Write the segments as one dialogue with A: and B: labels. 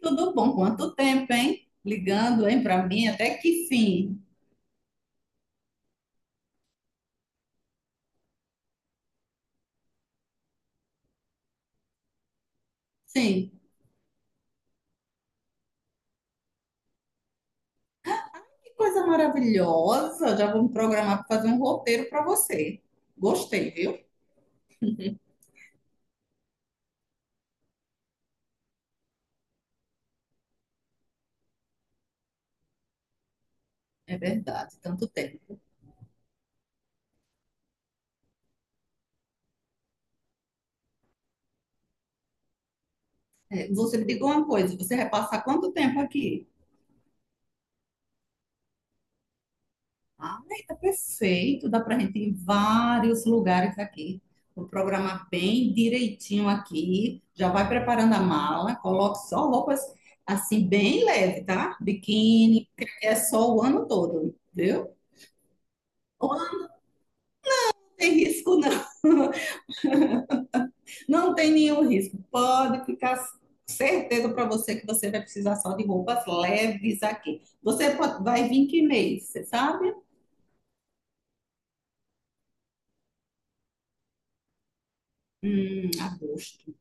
A: Tudo bom? Quanto tempo, hein? Ligando, hein, para mim, até que fim. Sim, que coisa maravilhosa. Já vou me programar para fazer um roteiro para você. Gostei, viu? É verdade, tanto tempo. É, você me diga uma coisa, você vai passar quanto tempo aqui? Ah, tá perfeito. Dá pra gente ir em vários lugares aqui. Vou programar bem direitinho aqui. Já vai preparando a mala. Coloque só roupas assim, bem leve, tá? Biquíni, porque é só o ano todo, viu? Ou não tem risco, não. Não tem nenhum risco. Pode ficar certeza para você que você vai precisar só de roupas leves aqui. Você pode- vai vir que mês, você sabe? Agosto.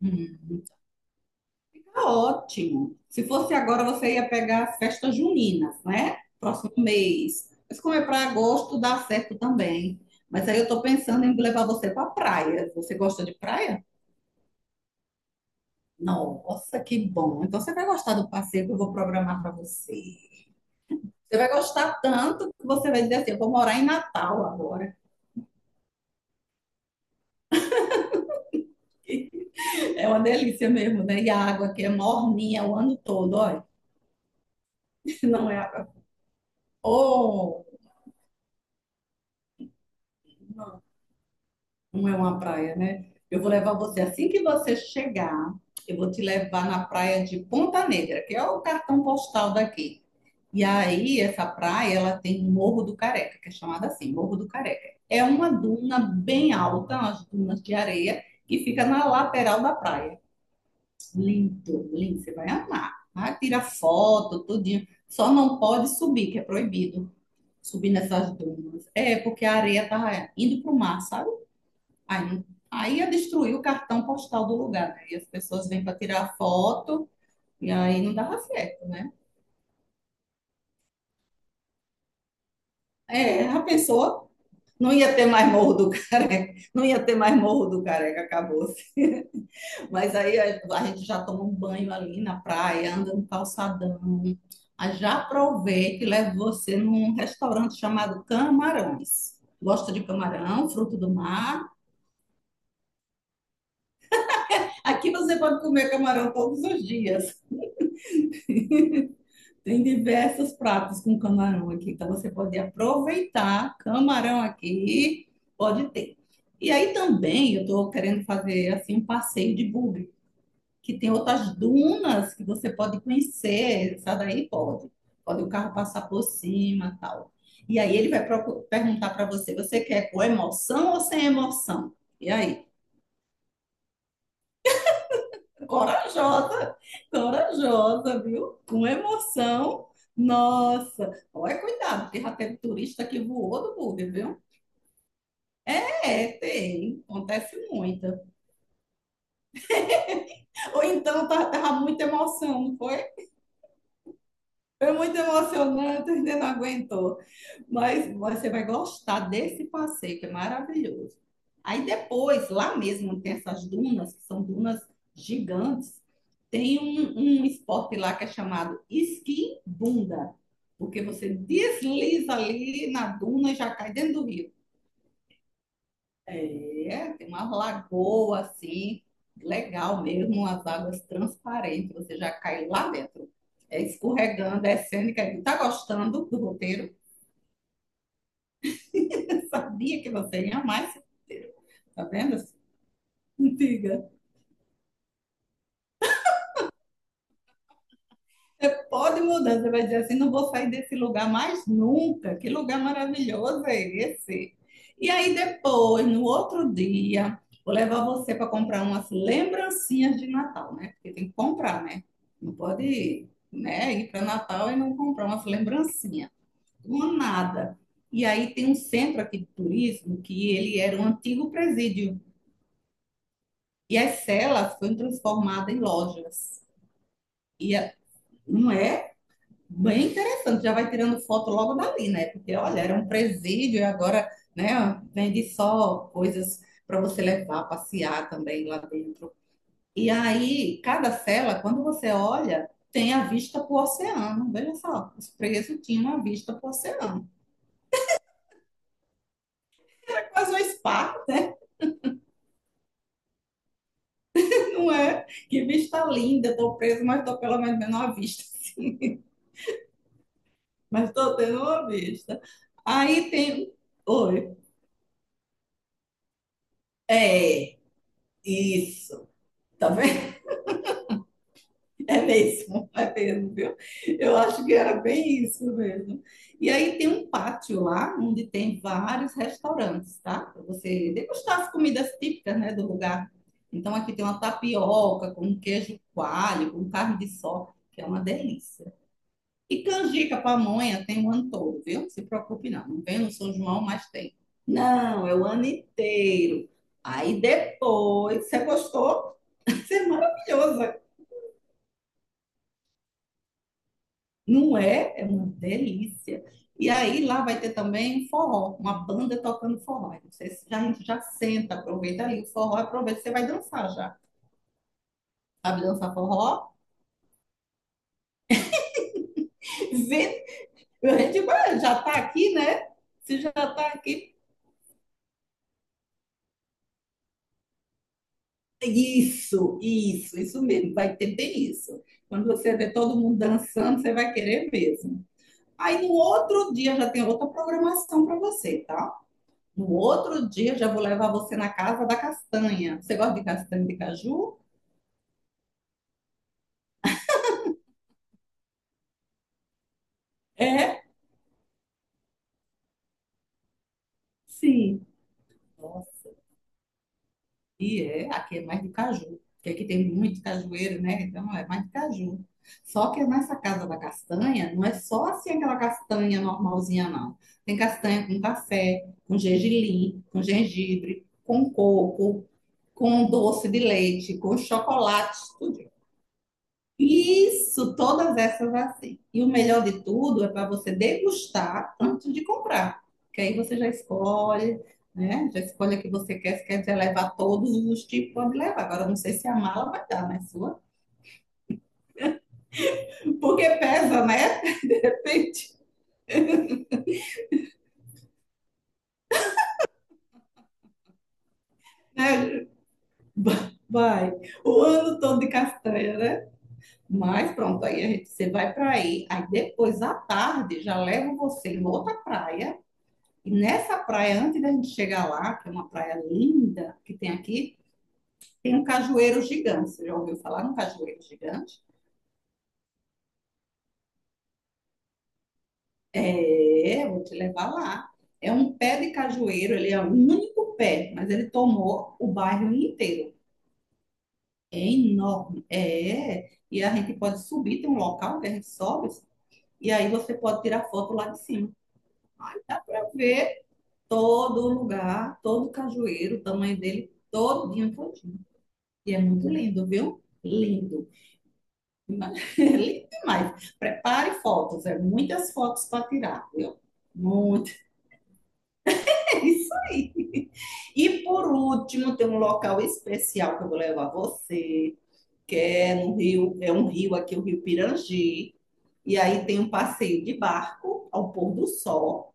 A: Hum, Tá ótimo. Se fosse agora, você ia pegar as festas juninas, né? Próximo mês. Mas como é para agosto, dá certo também. Mas aí eu tô pensando em levar você para praia. Você gosta de praia? Nossa, que bom. Então você vai gostar do passeio que eu vou programar para você. Você vai gostar tanto que você vai dizer assim, eu vou morar em Natal agora. É uma delícia mesmo, né? E a água aqui é morninha o ano todo, olha. Não é água. Oh! Não é uma praia, né? Eu vou levar você assim que você chegar. Eu vou te levar na praia de Ponta Negra, que é o cartão postal daqui. E aí, essa praia, ela tem o Morro do Careca, que é chamada assim, Morro do Careca. É uma duna bem alta, umas dunas de areia, que fica na lateral da praia. Lindo, lindo, você vai amar. Ah, tira foto, tudinho. Só não pode subir, que é proibido subir nessas dunas. É, porque a areia tá indo pro mar, sabe? Aí, não- aí ia destruir o cartão postal do lugar, né? E as pessoas vêm para tirar foto, e aí não dava certo, né? É, a pessoa não ia ter mais Morro do Careca, não ia ter mais Morro do Careca, acabou. Mas aí a gente já toma um banho ali na praia, anda no calçadão. Aí já aproveita e leva você num restaurante chamado Camarões. Gosta de camarão, fruto do mar? Aqui você pode comer camarão todos os dias. Tem diversos pratos com camarão aqui, então você pode aproveitar camarão aqui, pode ter. E aí também eu estou querendo fazer assim um passeio de buggy que tem outras dunas que você pode conhecer, essa daí pode. Pode o carro passar por cima, e tal. E aí ele vai perguntar para você, você quer com emoção ou sem emoção? E aí? Corajosa, corajosa, viu? Com emoção. Nossa, olha, cuidado, porque já teve turista que voou do Uber, viu? É, tem, acontece muito. Ou então tava, muita emoção, não foi? Foi muito emocionante, ainda não aguentou. Mas você vai gostar desse passeio, que é maravilhoso. Aí depois, lá mesmo, tem essas dunas, que são dunas gigantes, tem um esporte lá que é chamado esqui bunda, porque você desliza ali na duna e já cai dentro do rio. É, tem uma lagoa assim, legal mesmo, as águas transparentes, você já cai lá dentro. É escorregando, é cênica. Tá gostando do roteiro? Eu sabia que você ia mais. Tá vendo? Diga. Você pode mudar, você vai dizer assim, não vou sair desse lugar mais nunca. Que lugar maravilhoso é esse? E aí depois, no outro dia, vou levar você para comprar umas lembrancinhas de Natal, né? Porque tem que comprar, né? Não pode ir, né, ir para Natal e não comprar umas lembrancinhas. Uma nada. E aí tem um centro aqui de turismo que ele era um antigo presídio. E as celas foram transformadas em lojas. E a- não é bem interessante, já vai tirando foto logo dali, né? Porque, olha, era um presídio e agora, né, vende só coisas para você levar, passear também lá dentro. E aí, cada cela, quando você olha, tem a vista para o oceano. Veja só, os presos tinham uma vista para o oceano. É quase um spa, né? Não é? Que vista linda, estou preso, mas estou pelo menos vendo uma vista. Mas estou tendo uma vista. Aí tem. Oi. É, isso. Tá vendo? É mesmo, viu? Eu acho que era bem isso mesmo. E aí tem um pátio lá, onde tem vários restaurantes, tá? Para você degustar as comidas típicas, né, do lugar. Então aqui tem uma tapioca com queijo coalho, com carne de sol, que é uma delícia. E canjica, pamonha, tem o ano todo, viu? Não se preocupe não, não vem no São João, mas tem. Não, é o ano inteiro. Aí depois, você gostou? Isso é maravilhosa. Não é? É uma delícia. E aí lá vai ter também um forró, uma banda tocando forró. Aí você já, a gente já senta, aproveita ali o forró, aproveita, você vai dançar já. Sabe dançar forró? Vê, a gente já tá aqui, né? Se já tá aqui, isso mesmo. Vai ter bem isso. Quando você vê todo mundo dançando, você vai querer mesmo. Aí no outro dia já tem outra programação para você, tá? No outro dia já vou levar você na casa da castanha. Você gosta de castanha de caju? É? Sim. E é, aqui é mais de caju, porque aqui tem muito cajueiro, né? Então é mais de caju. Só que é nessa casa da castanha, não é só assim aquela castanha normalzinha, não. Tem castanha com café, com gergelim, com gengibre, com coco, com doce de leite, com chocolate, tudo isso, todas essas é assim. E o melhor de tudo é para você degustar antes de comprar, que aí você já escolhe, né? Já escolhe a que você quer, se quer levar todos os tipos, pode levar. Agora, não sei se a mala vai dar, né? Sua? Porque pesa, né? De repente, né? Vai, o ano todo de castanha, né? Mas pronto, aí a gente, você vai para aí. Aí depois, à tarde, já levo você em outra praia. E nessa praia, antes da gente chegar lá, que é uma praia linda que tem aqui, tem um cajueiro gigante. Você já ouviu falar num cajueiro gigante? É, vou te levar lá. É um pé de cajueiro, ele é o único pé, mas ele tomou o bairro inteiro. É enorme, é. E a gente pode subir, tem um local que a gente sobe, e aí você pode tirar foto lá de cima. Dá para ver todo o lugar, todo o cajueiro, o tamanho dele, todinho, todinho. E é muito lindo, viu? Lindo. Mas, lindo demais. Prepare fotos, é muitas fotos para tirar, viu? Muito, é isso aí. E por último, tem um local especial que eu vou levar você, que é no rio, é um rio aqui, o Rio Pirangi. E aí tem um passeio de barco ao pôr do sol.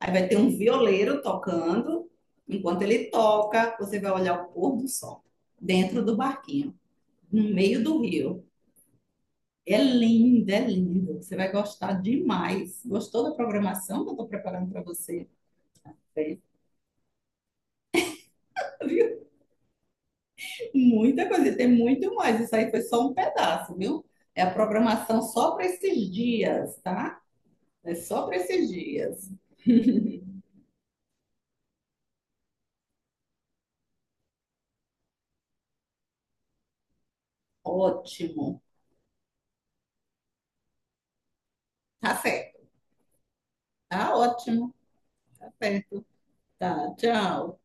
A: Aí vai ter um violeiro tocando. Enquanto ele toca, você vai olhar o pôr do sol dentro do barquinho, no meio do rio. É linda, é linda. Você vai gostar demais. Gostou da programação que eu estou preparando para você? Tem, viu? Muita coisa, tem muito mais. Isso aí foi só um pedaço, viu? É a programação só para esses dias, tá? É só para esses dias. Ótimo. Tá certo. Tá ótimo. Tá certo. Tá, tchau.